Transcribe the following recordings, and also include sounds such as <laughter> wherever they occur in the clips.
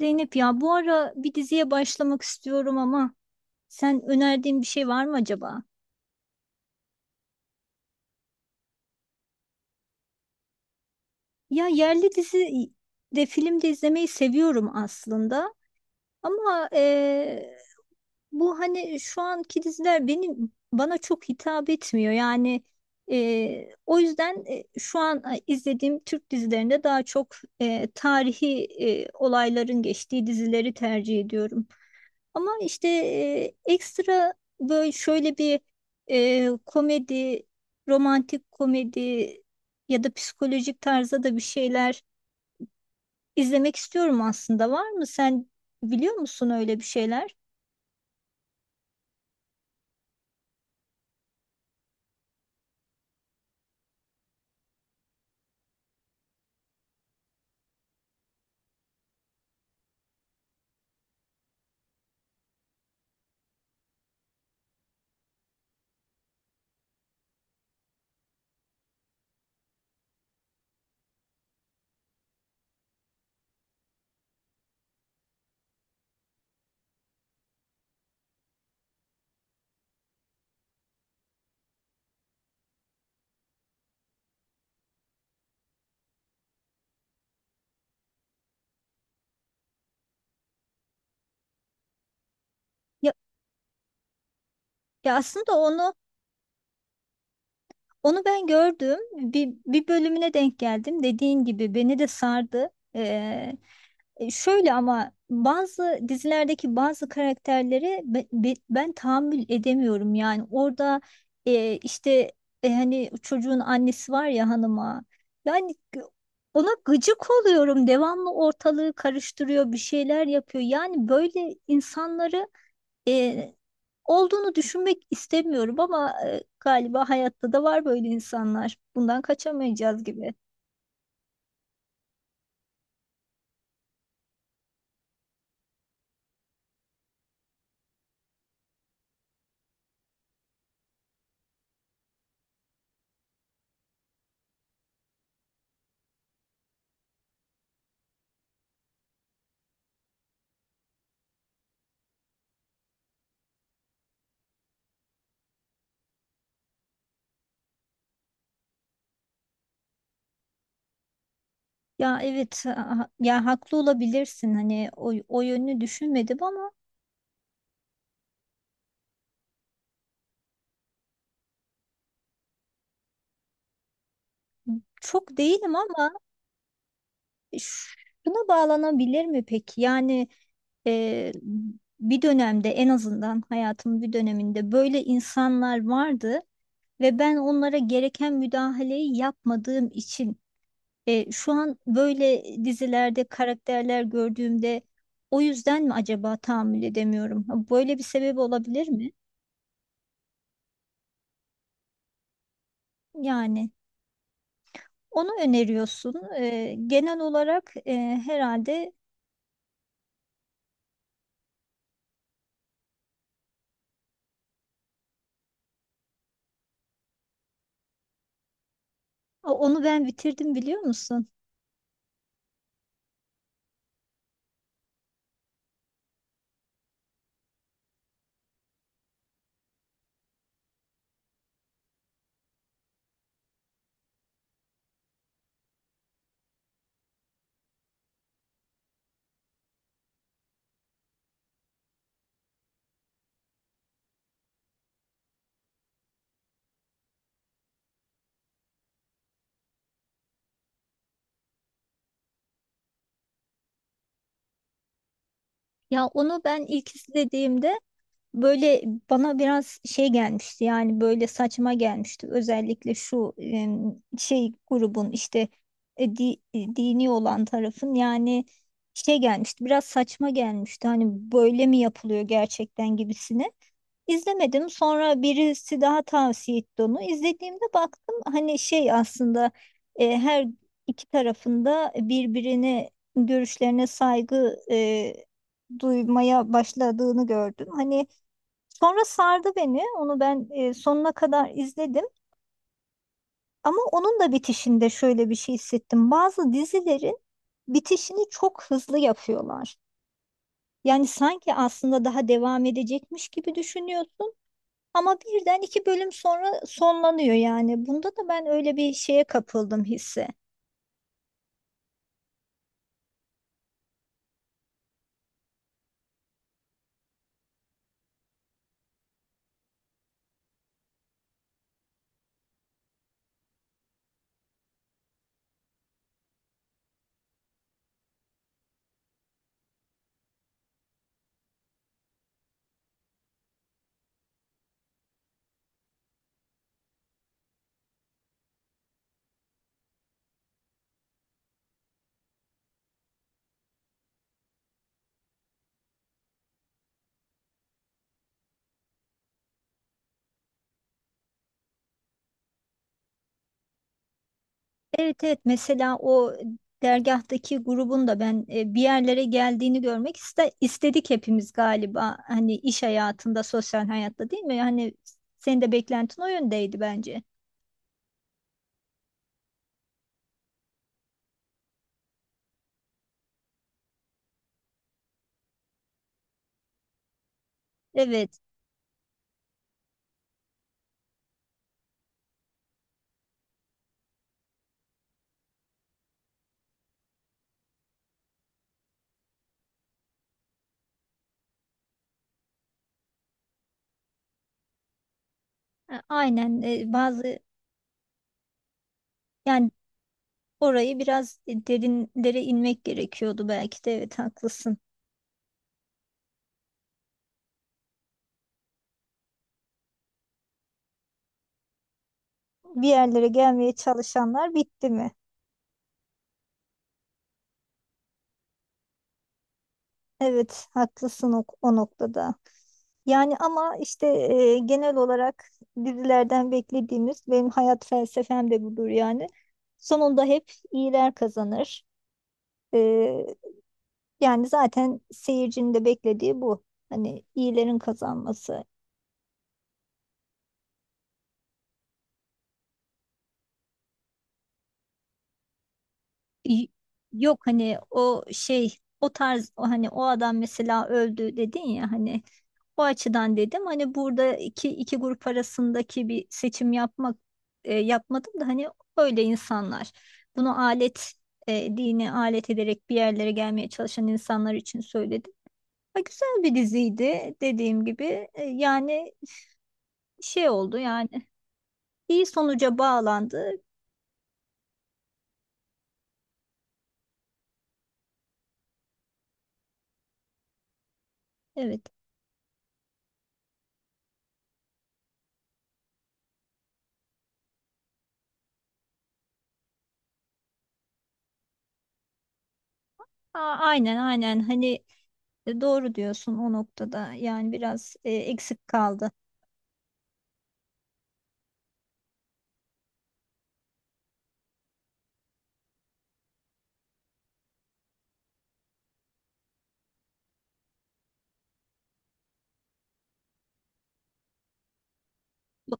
Zeynep ya bu ara bir diziye başlamak istiyorum ama sen önerdiğin bir şey var mı acaba? Ya yerli dizi de film de izlemeyi seviyorum aslında ama bu hani şu anki diziler benim bana çok hitap etmiyor yani. O yüzden şu an izlediğim Türk dizilerinde daha çok tarihi olayların geçtiği dizileri tercih ediyorum. Ama işte ekstra böyle şöyle bir komedi, romantik komedi ya da psikolojik tarzda da bir şeyler izlemek istiyorum aslında. Var mı? Sen biliyor musun öyle bir şeyler? Ya, ya aslında onu Onu ben gördüm. Bir bölümüne denk geldim. Dediğin gibi beni de sardı. Şöyle ama bazı dizilerdeki bazı karakterleri ben tahammül edemiyorum yani orada, işte, hani çocuğun annesi var ya hanıma, yani g- ona gıcık oluyorum, devamlı ortalığı karıştırıyor, bir şeyler yapıyor. Yani böyle insanları e, olduğunu düşünmek istemiyorum ama galiba hayatta da var böyle insanlar, bundan kaçamayacağız gibi. Ya evet, ya haklı olabilirsin, hani o yönünü düşünmedim ama. Çok değilim ama şuna bağlanabilir mi peki? Yani e, bir dönemde, en azından hayatımın bir döneminde böyle insanlar vardı ve ben onlara gereken müdahaleyi yapmadığım için şu an böyle dizilerde karakterler gördüğümde o yüzden mi acaba tahammül edemiyorum? Ha, böyle bir sebep olabilir mi? Yani. Onu öneriyorsun. Genel olarak herhalde. O- onu ben bitirdim biliyor musun? Ya onu ben ilk izlediğimde böyle bana biraz şey gelmişti, yani böyle saçma gelmişti. Özellikle şu şey grubun, işte dini olan tarafın yani şey gelmişti. Biraz saçma gelmişti. Hani böyle mi yapılıyor gerçekten gibisine. İzlemedim. Sonra birisi daha tavsiye etti onu. İzlediğimde baktım hani şey aslında her iki tarafında birbirine, görüşlerine saygı duymaya başladığını gördüm. Hani. Sonra sardı beni. Onu ben sonuna kadar izledim. Ama onun da bitişinde şöyle bir şey hissettim. Bazı dizilerin bitişini çok hızlı yapıyorlar. Yani sanki aslında daha devam edecekmiş gibi düşünüyorsun. Ama birden iki bölüm sonra sonlanıyor yani. Bunda da ben öyle bir şeye kapıldım hisse. Evet evet, mesela o dergahtaki grubun da ben bir yerlere geldiğini görmek istedik hepimiz galiba. Hani iş hayatında, sosyal hayatta, değil mi? Hani senin de beklentin o yöndeydi bence. Evet. Aynen, bazı yani orayı biraz derinlere inmek gerekiyordu belki de, evet haklısın. Bir yerlere gelmeye çalışanlar bitti mi? Evet, haklısın o noktada. Yani ama işte genel olarak dizilerden beklediğimiz, benim hayat felsefem de budur yani. Sonunda hep iyiler kazanır. E, Yani zaten seyircinin de beklediği bu. Hani iyilerin kazanması. Y- Yok hani o şey, o tarz, o hani o adam mesela öldü dedin ya, hani o açıdan dedim. Hani burada iki grup arasındaki bir seçim yapmak yapmadım da, hani öyle insanlar bunu alet, dini alet ederek bir yerlere gelmeye çalışan insanlar için söyledim. Ha, güzel bir diziydi dediğim gibi. Yani şey oldu yani, iyi sonuca bağlandı evet. Aa, aynen aynen, hani doğru diyorsun o noktada. Yani biraz eksik kaldı. Bu-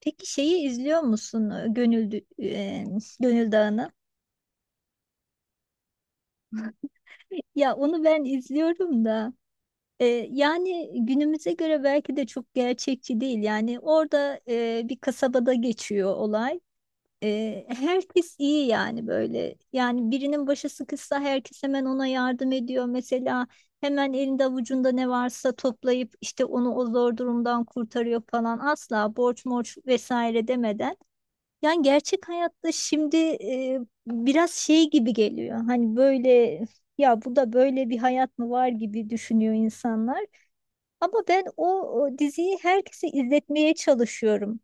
Peki şeyi izliyor musun, Gönül Dağı'nı? <laughs> Ya onu ben izliyorum da yani günümüze göre belki de çok gerçekçi değil. Yani orada bir kasabada geçiyor olay. Herkes iyi yani böyle. Yani birinin başı sıkışsa herkes hemen ona yardım ediyor. Mesela hemen elinde avucunda ne varsa toplayıp işte onu o zor durumdan kurtarıyor falan. Asla borç morç vesaire demeden. Yani gerçek hayatta şimdi biraz şey gibi geliyor. Hani böyle ya, bu da böyle bir hayat mı var gibi düşünüyor insanlar. Ama ben o diziyi herkese izletmeye çalışıyorum.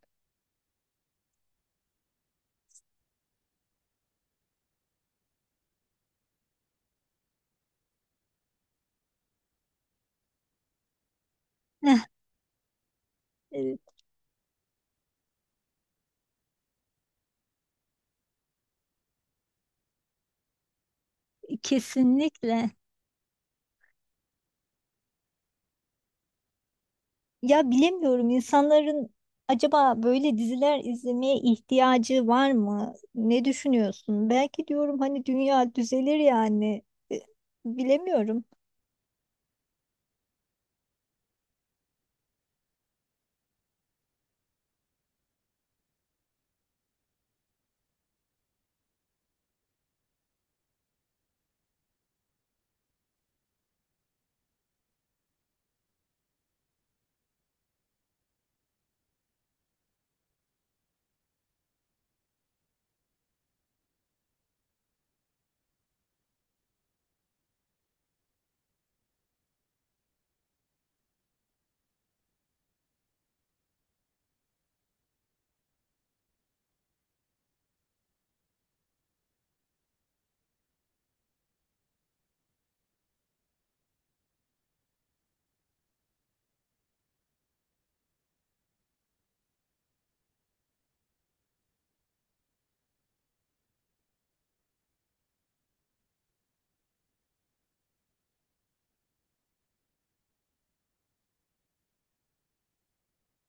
<laughs> Eh, kesinlikle. Ya bilemiyorum, insanların acaba böyle diziler izlemeye ihtiyacı var mı? Ne düşünüyorsun? Belki diyorum hani dünya düzelir yani. E, Bilemiyorum.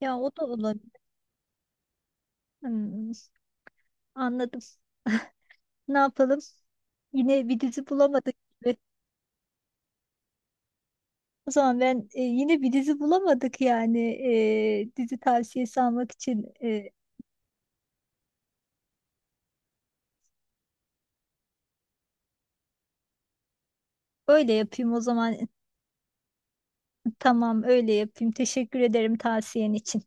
Ya o da olabilir. Hmm, anladım. Ne yapalım? Yine bir dizi bulamadık gibi. O zaman ben, yine bir dizi bulamadık yani dizi tavsiyesi almak için. Öyle yapayım o zaman. <laughs> Tamam öyle yapayım. Teşekkür ederim tavsiyen için.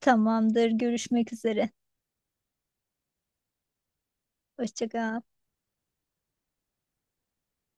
Tamamdır. Görüşmek üzere. Hoşça kal.